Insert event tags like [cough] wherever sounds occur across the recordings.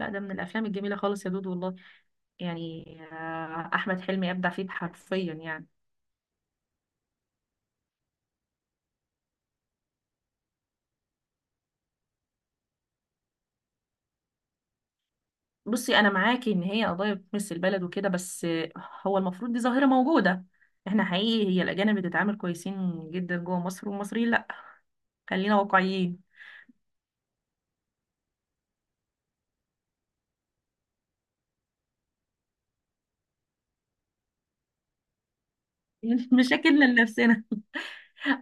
لا ده من الافلام الجميله خالص يا دود، والله يعني. احمد حلمي ابدع فيه حرفيا يعني. بصي، انا معاكي ان هي قضايا بتمس البلد وكده، بس هو المفروض دي ظاهره موجوده. احنا حقيقي هي الاجانب بتتعامل كويسين جدا جوه مصر، والمصريين لا. خلينا واقعيين. [laughs] مشاكلنا لنفسنا.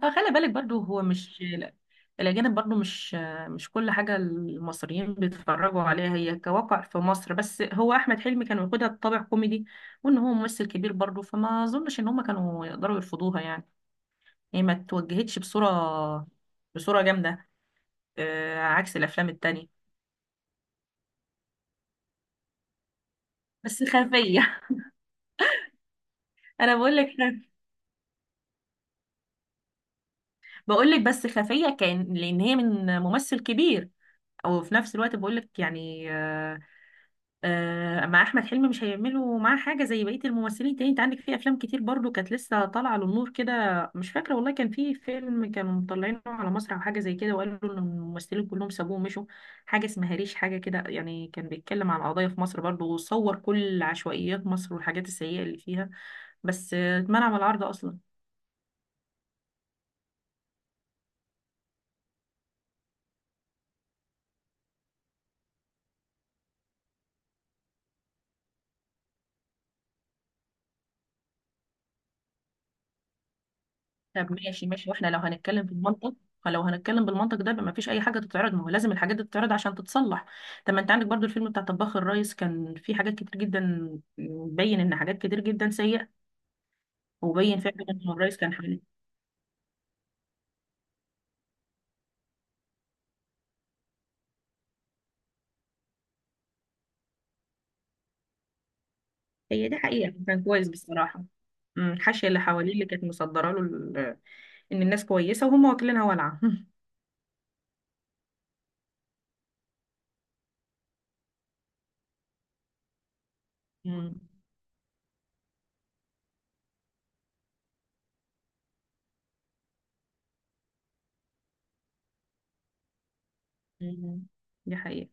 اه، خلي بالك برضو، هو مش، لا، الأجانب برضو مش كل حاجة المصريين بيتفرجوا عليها هي كواقع في مصر. بس هو أحمد حلمي كان واخدها بطابع كوميدي، وإن هو ممثل كبير برضو، فما أظنش إن هما كانوا يقدروا يرفضوها يعني. هي ما توجهتش بصورة جامدة. عكس الأفلام التانية. بس خفية. [laughs] أنا بقول لك بس خفية، كان لأن هي من ممثل كبير. أو في نفس الوقت بقول لك يعني، مع احمد حلمي مش هيعملوا معاه حاجه زي بقيه الممثلين تاني. انت عندك في افلام كتير برضو كانت لسه طالعه للنور كده. مش فاكره والله، كان في فيلم كانوا مطلعينه على مسرح او حاجه زي كده، وقالوا ان الممثلين كلهم سابوه ومشوا. حاجه اسمها ريش، حاجه كده يعني، كان بيتكلم عن قضايا في مصر برضو، وصور كل عشوائيات مصر والحاجات السيئه اللي فيها. بس اتمنع من العرض اصلا. طب ماشي ماشي، واحنا لو هنتكلم بالمنطق، فلو هنتكلم بالمنطق ده ما فيش اي حاجه تتعرض. ما هو لازم الحاجات دي تتعرض عشان تتصلح. طب ما انت عندك برضو الفيلم بتاع طباخ الريس، كان فيه حاجات كتير جدا، بين ان حاجات كتير جدا سيئه، وبين فعلا ان الريس كان حلو. هي دي حقيقه، كان كويس بصراحه. الحاشيه اللي حواليه اللي كانت مصدره له ان الناس كويسه، وهم واكلينها ولعه. [laughs] أمم، أمم، دي حقيقه.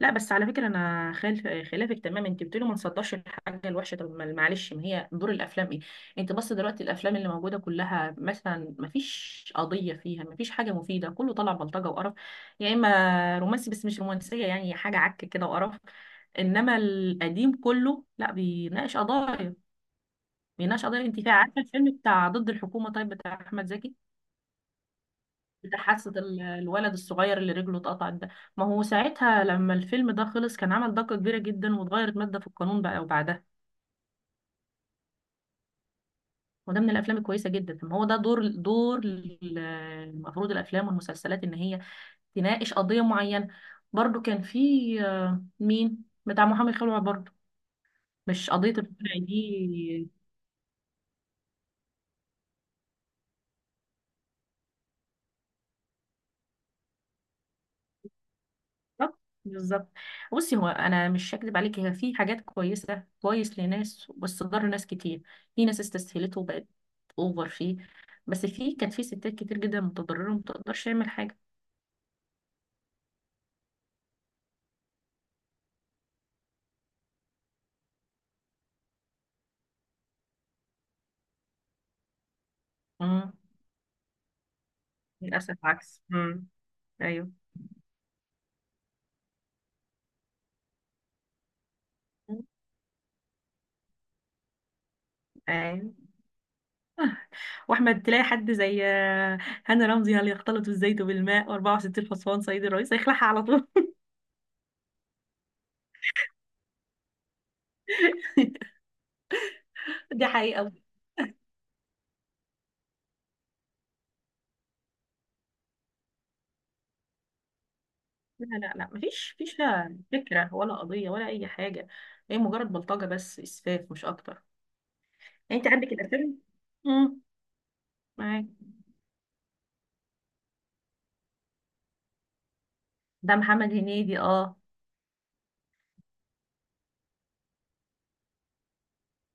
لا بس على فكره انا خالف خلافك تمام. انت بتقولي ما نصدرش الحاجه الوحشه، طب معلش، ما هي دور الافلام ايه؟ انت بص، دلوقتي الافلام اللي موجوده كلها، مثلا ما فيش قضيه فيها، ما فيش حاجه مفيده، كله طالع بلطجه وقرف، يا اما رومانسي، بس مش رومانسيه يعني، حاجه عك كده وقرف. انما القديم كله لا، بيناقش قضايا. بيناقش قضايا. انت عارفه الفيلم بتاع ضد الحكومه، طيب، بتاع احمد زكي، بتحسد الولد الصغير اللي رجله اتقطعت ده. ما هو ساعتها لما الفيلم ده خلص، كان عمل ضجة كبيرة جدا، واتغيرت مادة في القانون بقى وبعدها. وده من الافلام الكويسة جدا. ما هو ده دور المفروض الافلام والمسلسلات ان هي تناقش قضية معينة. برضو كان في مين بتاع محامي خلع برضو، مش قضية الخلع دي؟ بالظبط، بالظبط. بصي، هو انا مش هكدب عليك، هي في حاجات كويسه، كويس لناس بس ضر ناس كتير. في ناس استسهلته وبقت اوفر فيه. بس في كان في ستات كتير جدا متضرره، وما تقدرش تعمل حاجه. امم. للاسف عكس. ايوه. ايوه. واحمد تلاقي حد زي هاني رمزي، هل يختلط الزيت بالماء، و64 حصان سيد الرئيس، هيخلعها على طول. [laughs] دي حقيقه. لا لا لا، مفيش لا فكرة ولا قضية ولا أي حاجة. هي مجرد بلطجة بس، إسفاف مش أكتر. يعني أنت عندك الأفلام. امم معاك. ده محمد هنيدي، اه.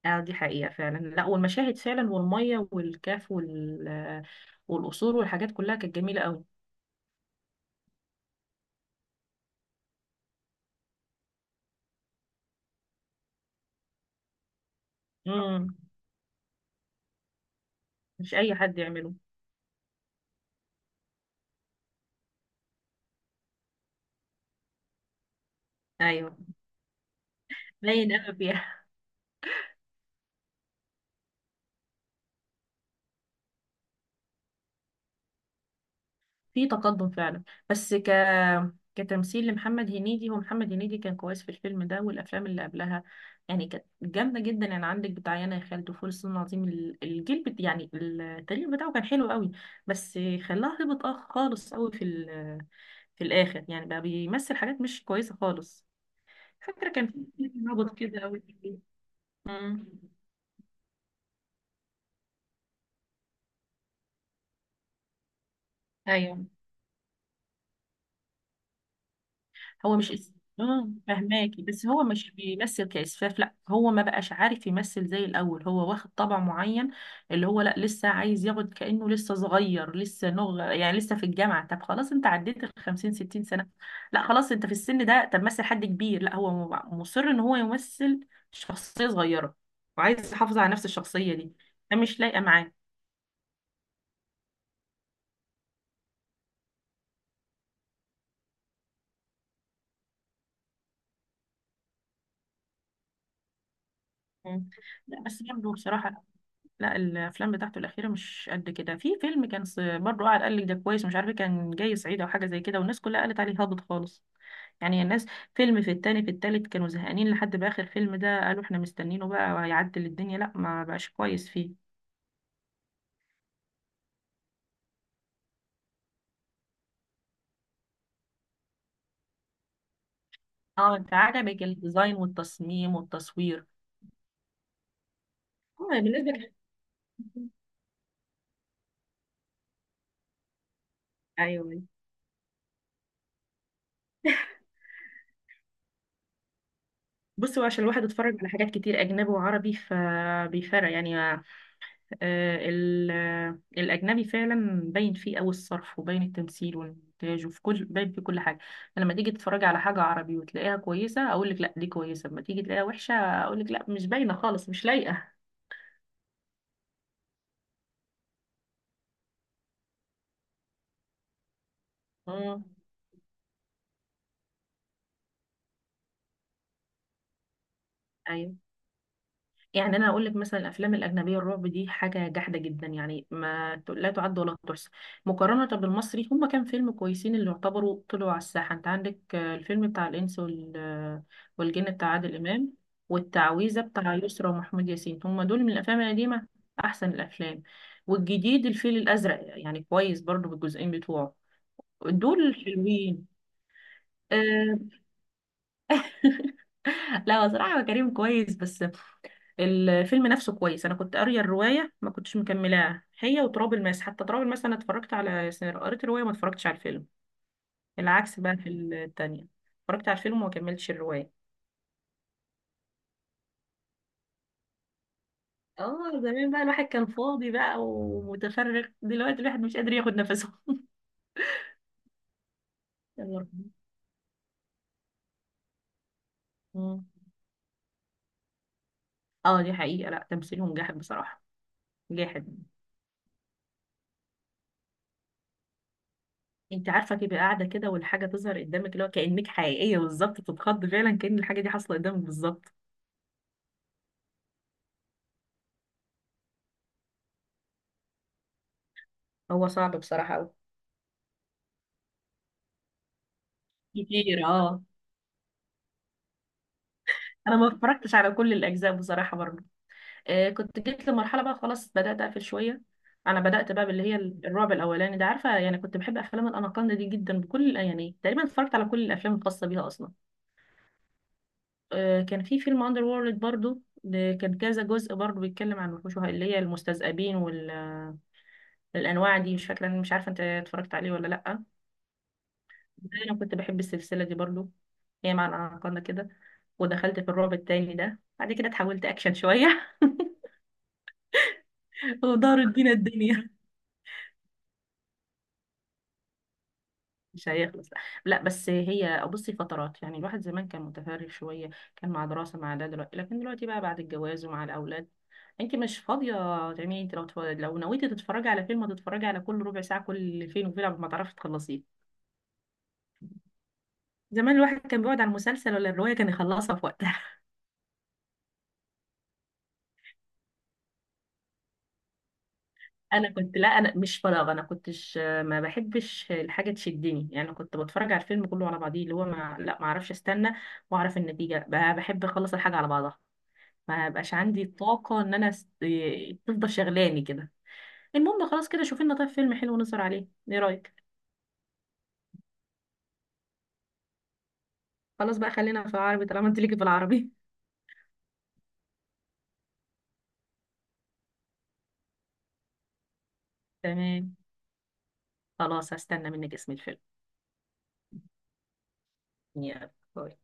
اه، دي حقيقة فعلا. لا والمشاهد فعلا، والمية والكاف وال والقصور والحاجات كلها كانت جميلة قوي. امم. مش أي حد يعمله. أيوه. باين قوي. [laughs] في تقدم فعلا. بس كتمثيل لمحمد هنيدي، هو محمد هنيدي كان كويس في الفيلم ده والافلام اللي قبلها. يعني كانت جامده جدا. يعني عندك بتاع يانا يا خالد، وفول الصين العظيم، الجيل يعني التاريخ بتاعه كان حلو قوي. بس خلاها هبط، اه خالص قوي في في الاخر يعني، بقى بيمثل حاجات مش كويسه خالص. فاكره كان في فيلم هبط كده قوي. امم. ايوه. هو مش اس... اه فهماكي، بس هو مش بيمثل كإسفاف، لا هو ما بقاش عارف يمثل زي الأول. هو واخد طبع معين، اللي هو لا، لسه عايز ياخد كأنه لسه صغير، لسه يعني لسه في الجامعة. طب خلاص، انت عديت ال 50 60 سنة، لا خلاص انت في السن ده، طب مثل حد كبير. لا هو مصر ان هو يمثل شخصية صغيرة، وعايز يحافظ على نفس الشخصية دي، ده مش لايقة معاه. مم. لا بس برضه بصراحة، لا الافلام بتاعته الاخيره مش قد كده. في فيلم كان برضه قاعد قال لك ده كويس، مش عارفه كان جاي صعيدي او حاجه زي كده، والناس كلها قالت عليه هابط خالص. يعني الناس فيلم في التاني في التالت كانوا زهقانين، لحد باخر فيلم ده قالوا احنا مستنينه بقى هيعدل الدنيا، لا ما بقاش كويس فيه. اه، انت عجبك الديزاين والتصميم والتصوير. اه بالنسبه لك. ايوه. بصوا عشان الواحد اتفرج على حاجات كتير اجنبي وعربي، فبيفرق يعني. الأجنبي فعلا باين فيه أوي الصرف، وباين التمثيل والإنتاج، وفي كل باين في كل حاجة. فلما تيجي تتفرجي على حاجة عربي وتلاقيها كويسة، أقول لك لا دي كويسة. لما تيجي تلاقيها وحشة، أقول لك لا مش باينة خالص، مش لايقة. مم. أيوة. يعني انا اقول لك مثلا الافلام الاجنبيه الرعب دي حاجه جحده جدا، يعني ما ت- لا تعد ولا تحصى، مقارنه بالمصري. هما كام فيلم كويسين اللي يعتبروا طلعوا على الساحه؟ انت عندك الفيلم بتاع الانس والجن بتاع عادل امام، والتعويذه بتاع يسرا ومحمود ياسين، هما دول من الافلام القديمه، احسن الافلام. والجديد الفيل الازرق يعني كويس برضو بالجزئين بتوعه، دول حلوين. آه، [laughs] لا، هو صراحة هو كريم كويس، بس الفيلم نفسه كويس. انا كنت قاريه الروايه، ما كنتش مكملاها، هي وتراب الماس. حتى تراب الماس انا اتفرجت على، قريت الروايه، ما اتفرجتش على الفيلم. العكس بقى في التانية، اتفرجت على الفيلم وما كملتش الروايه. اه زمان بقى الواحد كان فاضي بقى ومتفرغ، دلوقتي الواحد مش قادر ياخد نفسه. [laughs] يلا ربنا. مم. اه دي حقيقه، لا تمثيلهم جاحد بصراحه، جاحد. انت عارفه تبقى قاعده كده والحاجه تظهر قدامك اللي هو كانك حقيقيه بالظبط، بتتخض فعلا كأن الحاجه دي حاصله قدامك بالظبط. هو صعب بصراحه قوي. كتير اه. انا ما اتفرجتش على كل الاجزاء بصراحه برضه. آه كنت جيت لمرحله بقى خلاص بدات اقفل شويه. انا بدات بقى باللي هي الرعب الاولاني ده، عارفه يعني كنت بحب افلام الاناكوندا دي جدا، بكل يعني تقريبا اتفرجت على كل الافلام الخاصه بيها اصلا. آه كان في فيلم اندر وورلد برضه، ده كان كذا جزء برضه، بيتكلم عن الوحوش اللي هي المستذئبين والانواع دي. مش فاكره، مش عارفه انت اتفرجت عليه ولا لا. انا كنت بحب السلسله دي برضه، هي مع الاناكوندا كده. ودخلت في الرعب التاني ده بعد كده اتحولت اكشن شويه. [laughs] ودار الدين الدنيا. [laughs] مش هيخلص لا. لا، بس هي بصي فترات يعني، الواحد زمان كان متفرغ شويه، كان مع دراسه مع ده. دلوقتي لكن دلوقتي بقى بعد الجواز ومع الاولاد، انت مش فاضيه تعملي. انت لو لو نويتي تتفرجي على فيلم، هتتفرجي على كل ربع ساعه، كل فين وفين قبل ما تعرفي تخلصيه. زمان الواحد كان بيقعد على المسلسل ولا الروايه كان يخلصها في وقتها. [laughs] انا كنت لا، انا مش فراغ انا كنتش، ما بحبش الحاجه تشدني يعني، كنت بتفرج على الفيلم كله على بعضيه، اللي هو ما، لا، ما اعرفش استنى واعرف النتيجه، بحب اخلص الحاجه على بعضها. ما بقاش عندي الطاقة ان انا تفضل شغلاني كده. المهم خلاص كده، شوفي لنا طيب فيلم حلو نسهر عليه، ايه رأيك؟ خلاص بقى خلينا في العربي طالما انت ليكي في العربي. [laughs] تمام. خلاص هستنى منك اسم الفيلم. يلا باي.